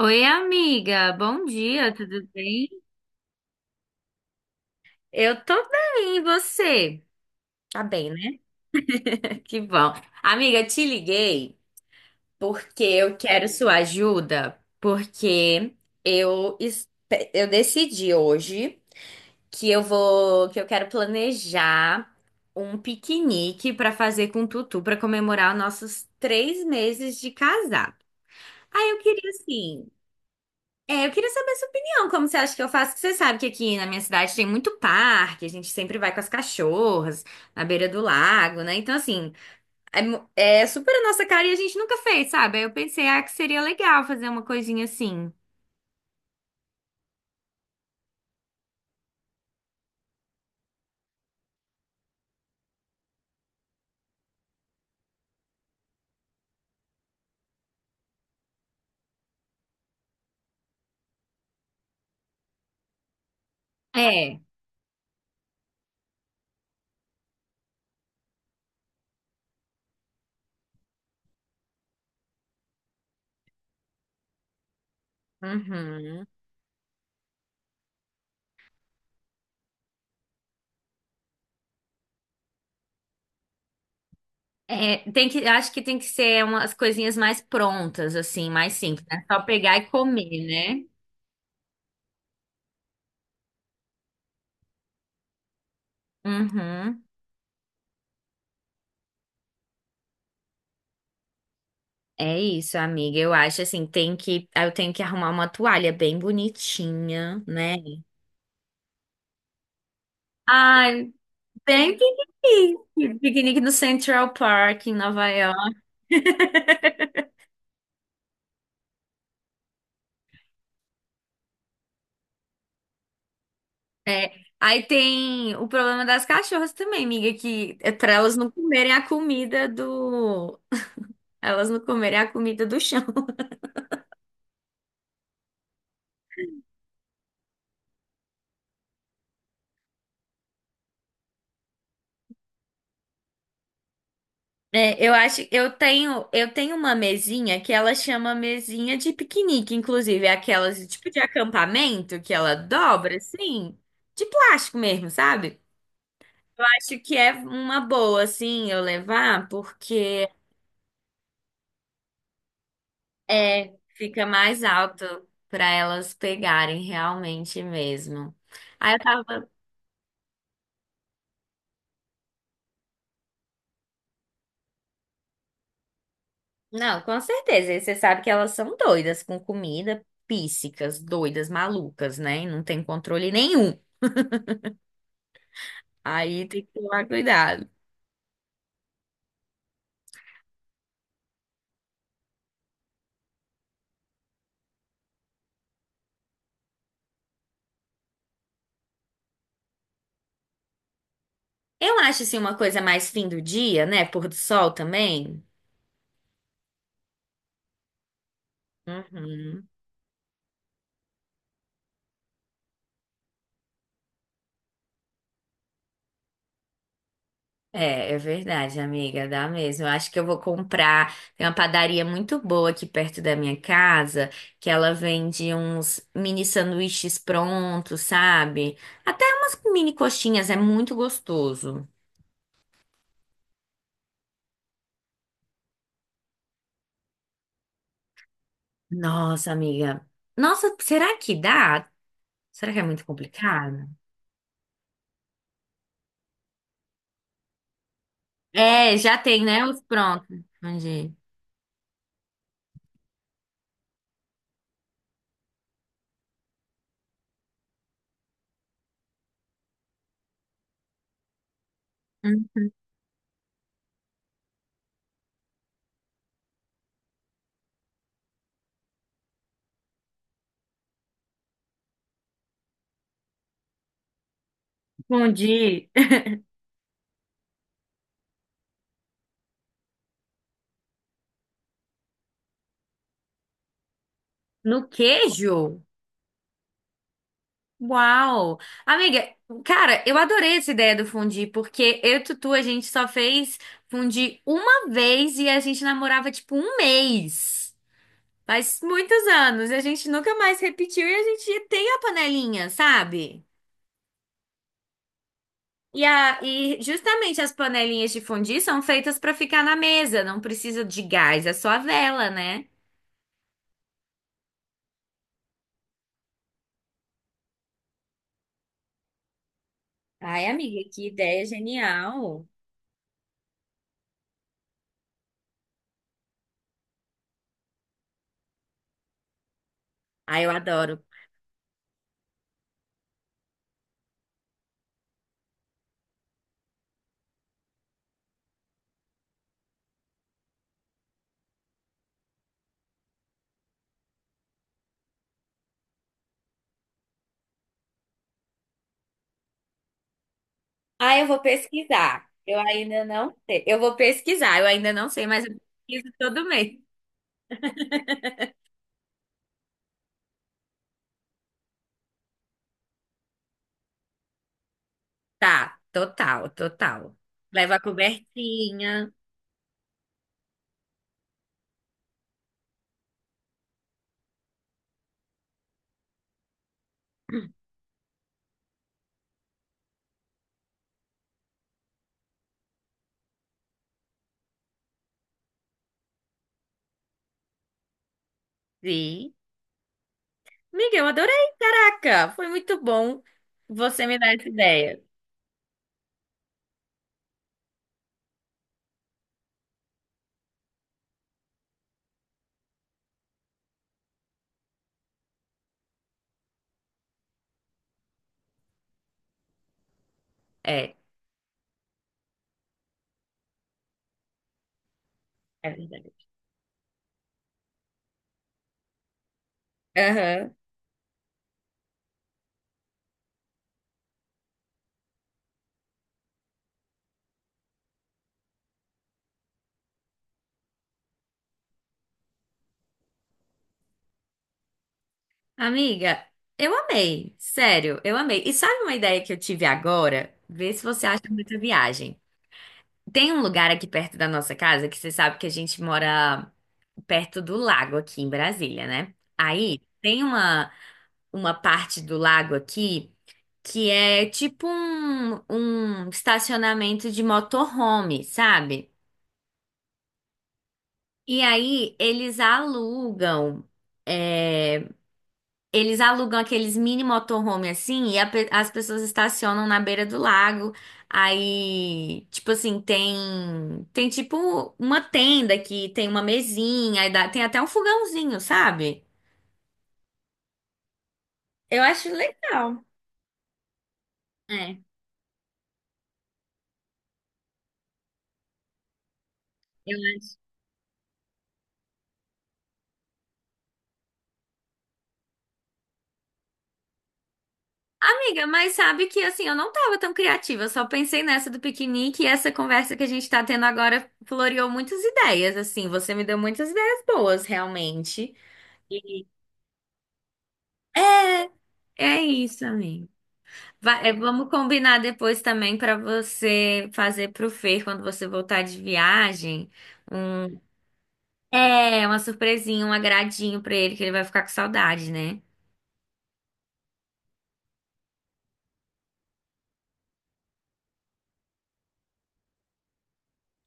Oi, amiga, bom dia, tudo bem? Eu tô bem, e você? Tá bem, né? Que bom. Amiga, te liguei porque eu quero sua ajuda, porque eu, es- eu decidi hoje que eu quero planejar um piquenique pra fazer com o Tutu pra comemorar os nossos 3 meses de casado. Aí eu queria assim. É, eu queria saber a sua opinião, como você acha que eu faço? Que você sabe que aqui na minha cidade tem muito parque, a gente sempre vai com as cachorras na beira do lago, né? Então, assim, é super a nossa cara e a gente nunca fez, sabe? Aí eu pensei, ah, que seria legal fazer uma coisinha assim. É. Uhum. É, eu acho que tem que ser umas coisinhas mais prontas, assim, mais simples, né? Só pegar e comer, né? Uhum. É isso, amiga. Eu acho assim, eu tenho que arrumar uma toalha bem bonitinha, né? Ai, bem piquenique. Piquenique no Central Park, em Nova York. É. Aí tem o problema das cachorras também, amiga, que é pra elas não comerem a comida do. Elas não comerem a comida do chão. É, eu tenho uma mesinha que ela chama mesinha de piquenique, inclusive, é aquelas tipo de acampamento que ela dobra assim, de plástico mesmo, sabe? Eu acho que é uma boa assim eu levar, porque é, fica mais alto para elas pegarem realmente mesmo. Aí eu tava, não, com certeza, e você sabe que elas são doidas com comida, píssicas, doidas, malucas, né? E não tem controle nenhum. Aí tem que tomar cuidado. Eu acho assim uma coisa mais fim do dia, né? Pôr do sol também. Uhum. É, é verdade, amiga, dá mesmo. Eu acho que eu vou comprar. Tem uma padaria muito boa aqui perto da minha casa, que ela vende uns mini sanduíches prontos, sabe? Até umas mini coxinhas, é muito gostoso. Nossa, amiga. Nossa, será que dá? Será que é muito complicado? É, já tem, né? Os prontos. Onde? Hum. Escondi. No queijo? Uau! Amiga, cara, eu adorei essa ideia do fundir, porque eu e Tutu, a gente só fez fundir uma vez e a gente namorava tipo um mês. Faz muitos anos, e a gente nunca mais repetiu e a gente tem a panelinha, sabe? E justamente as panelinhas de fundir são feitas pra ficar na mesa, não precisa de gás, é só a vela, né? Ai, amiga, que ideia genial! Ai, eu adoro. Ah, eu vou pesquisar. Eu ainda não sei. Eu vou pesquisar, eu ainda não sei, mas eu pesquiso todo mês. Tá, total, total. Leva a cobertinha. Sim. Amiga, eu adorei. Caraca, foi muito bom você me dar essa ideia. É, é verdade. Aham. Amiga, eu amei. Sério, eu amei. E sabe uma ideia que eu tive agora? Vê se você acha muita viagem. Tem um lugar aqui perto da nossa casa que você sabe que a gente mora perto do lago aqui em Brasília, né? Aí uma parte do lago aqui que é tipo um estacionamento de motorhome, sabe? E aí eles alugam eh, eles alugam aqueles mini motorhome assim e as pessoas estacionam na beira do lago. Aí, tipo assim, tem tipo uma tenda que tem uma mesinha, tem até um fogãozinho, sabe? Eu acho legal. É, eu acho. Amiga, mas sabe que assim, eu não tava tão criativa, eu só pensei nessa do piquenique e essa conversa que a gente tá tendo agora floreou muitas ideias, assim, você me deu muitas ideias boas, realmente. É, é isso, amiga. Vamos combinar depois também para você fazer pro Fer quando você voltar de viagem, um é uma surpresinha, um agradinho para ele que ele vai ficar com saudade, né?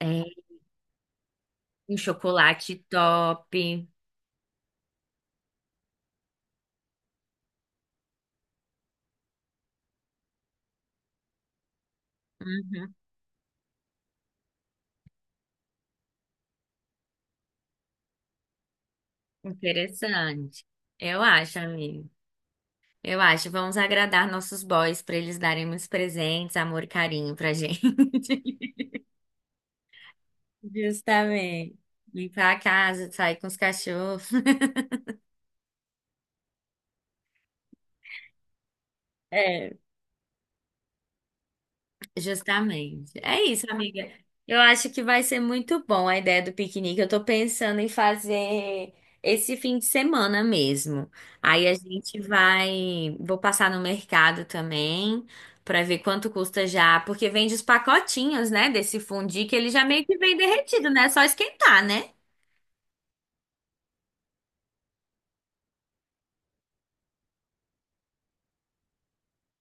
É, um chocolate top. Uhum. Interessante. Eu acho, amigo. Eu acho. Vamos agradar nossos boys para eles darem uns presentes, amor e carinho pra gente. Justamente. Limpar a casa, sair com os cachorros. É. Justamente. É isso, amiga. Eu acho que vai ser muito bom a ideia do piquenique. Eu tô pensando em fazer esse fim de semana mesmo. Aí a gente vai, vou passar no mercado também pra ver quanto custa já, porque vende os pacotinhos, né, desse fundi que ele já meio que vem derretido, né? É só esquentar, né?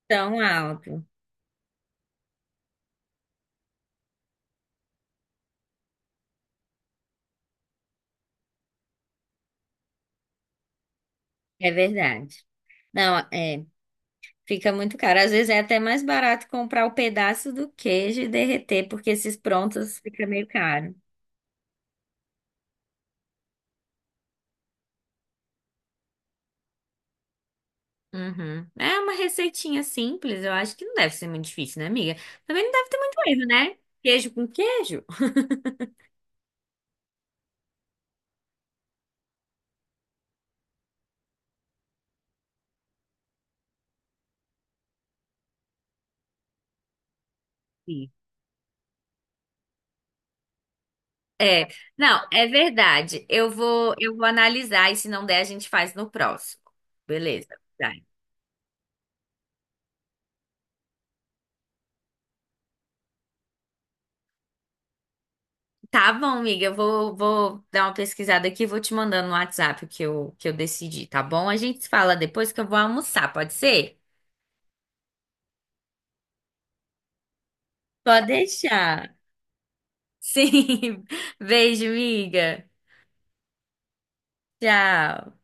Tão alto. É verdade. Não, é. Fica muito caro. Às vezes é até mais barato comprar o pedaço do queijo e derreter, porque esses prontos fica meio caro. Uhum. É uma receitinha simples, eu acho que não deve ser muito difícil, né, amiga? Também não deve ter muito erro, né? Queijo com queijo. Sim. É, não, é verdade. Eu vou analisar e se não der, a gente faz no próximo. Beleza. Tá, tá bom, amiga. Vou dar uma pesquisada aqui e vou te mandando no WhatsApp que eu decidi, tá bom? A gente se fala depois que eu vou almoçar, pode ser? Pode deixar. Sim. Beijo, miga. Tchau.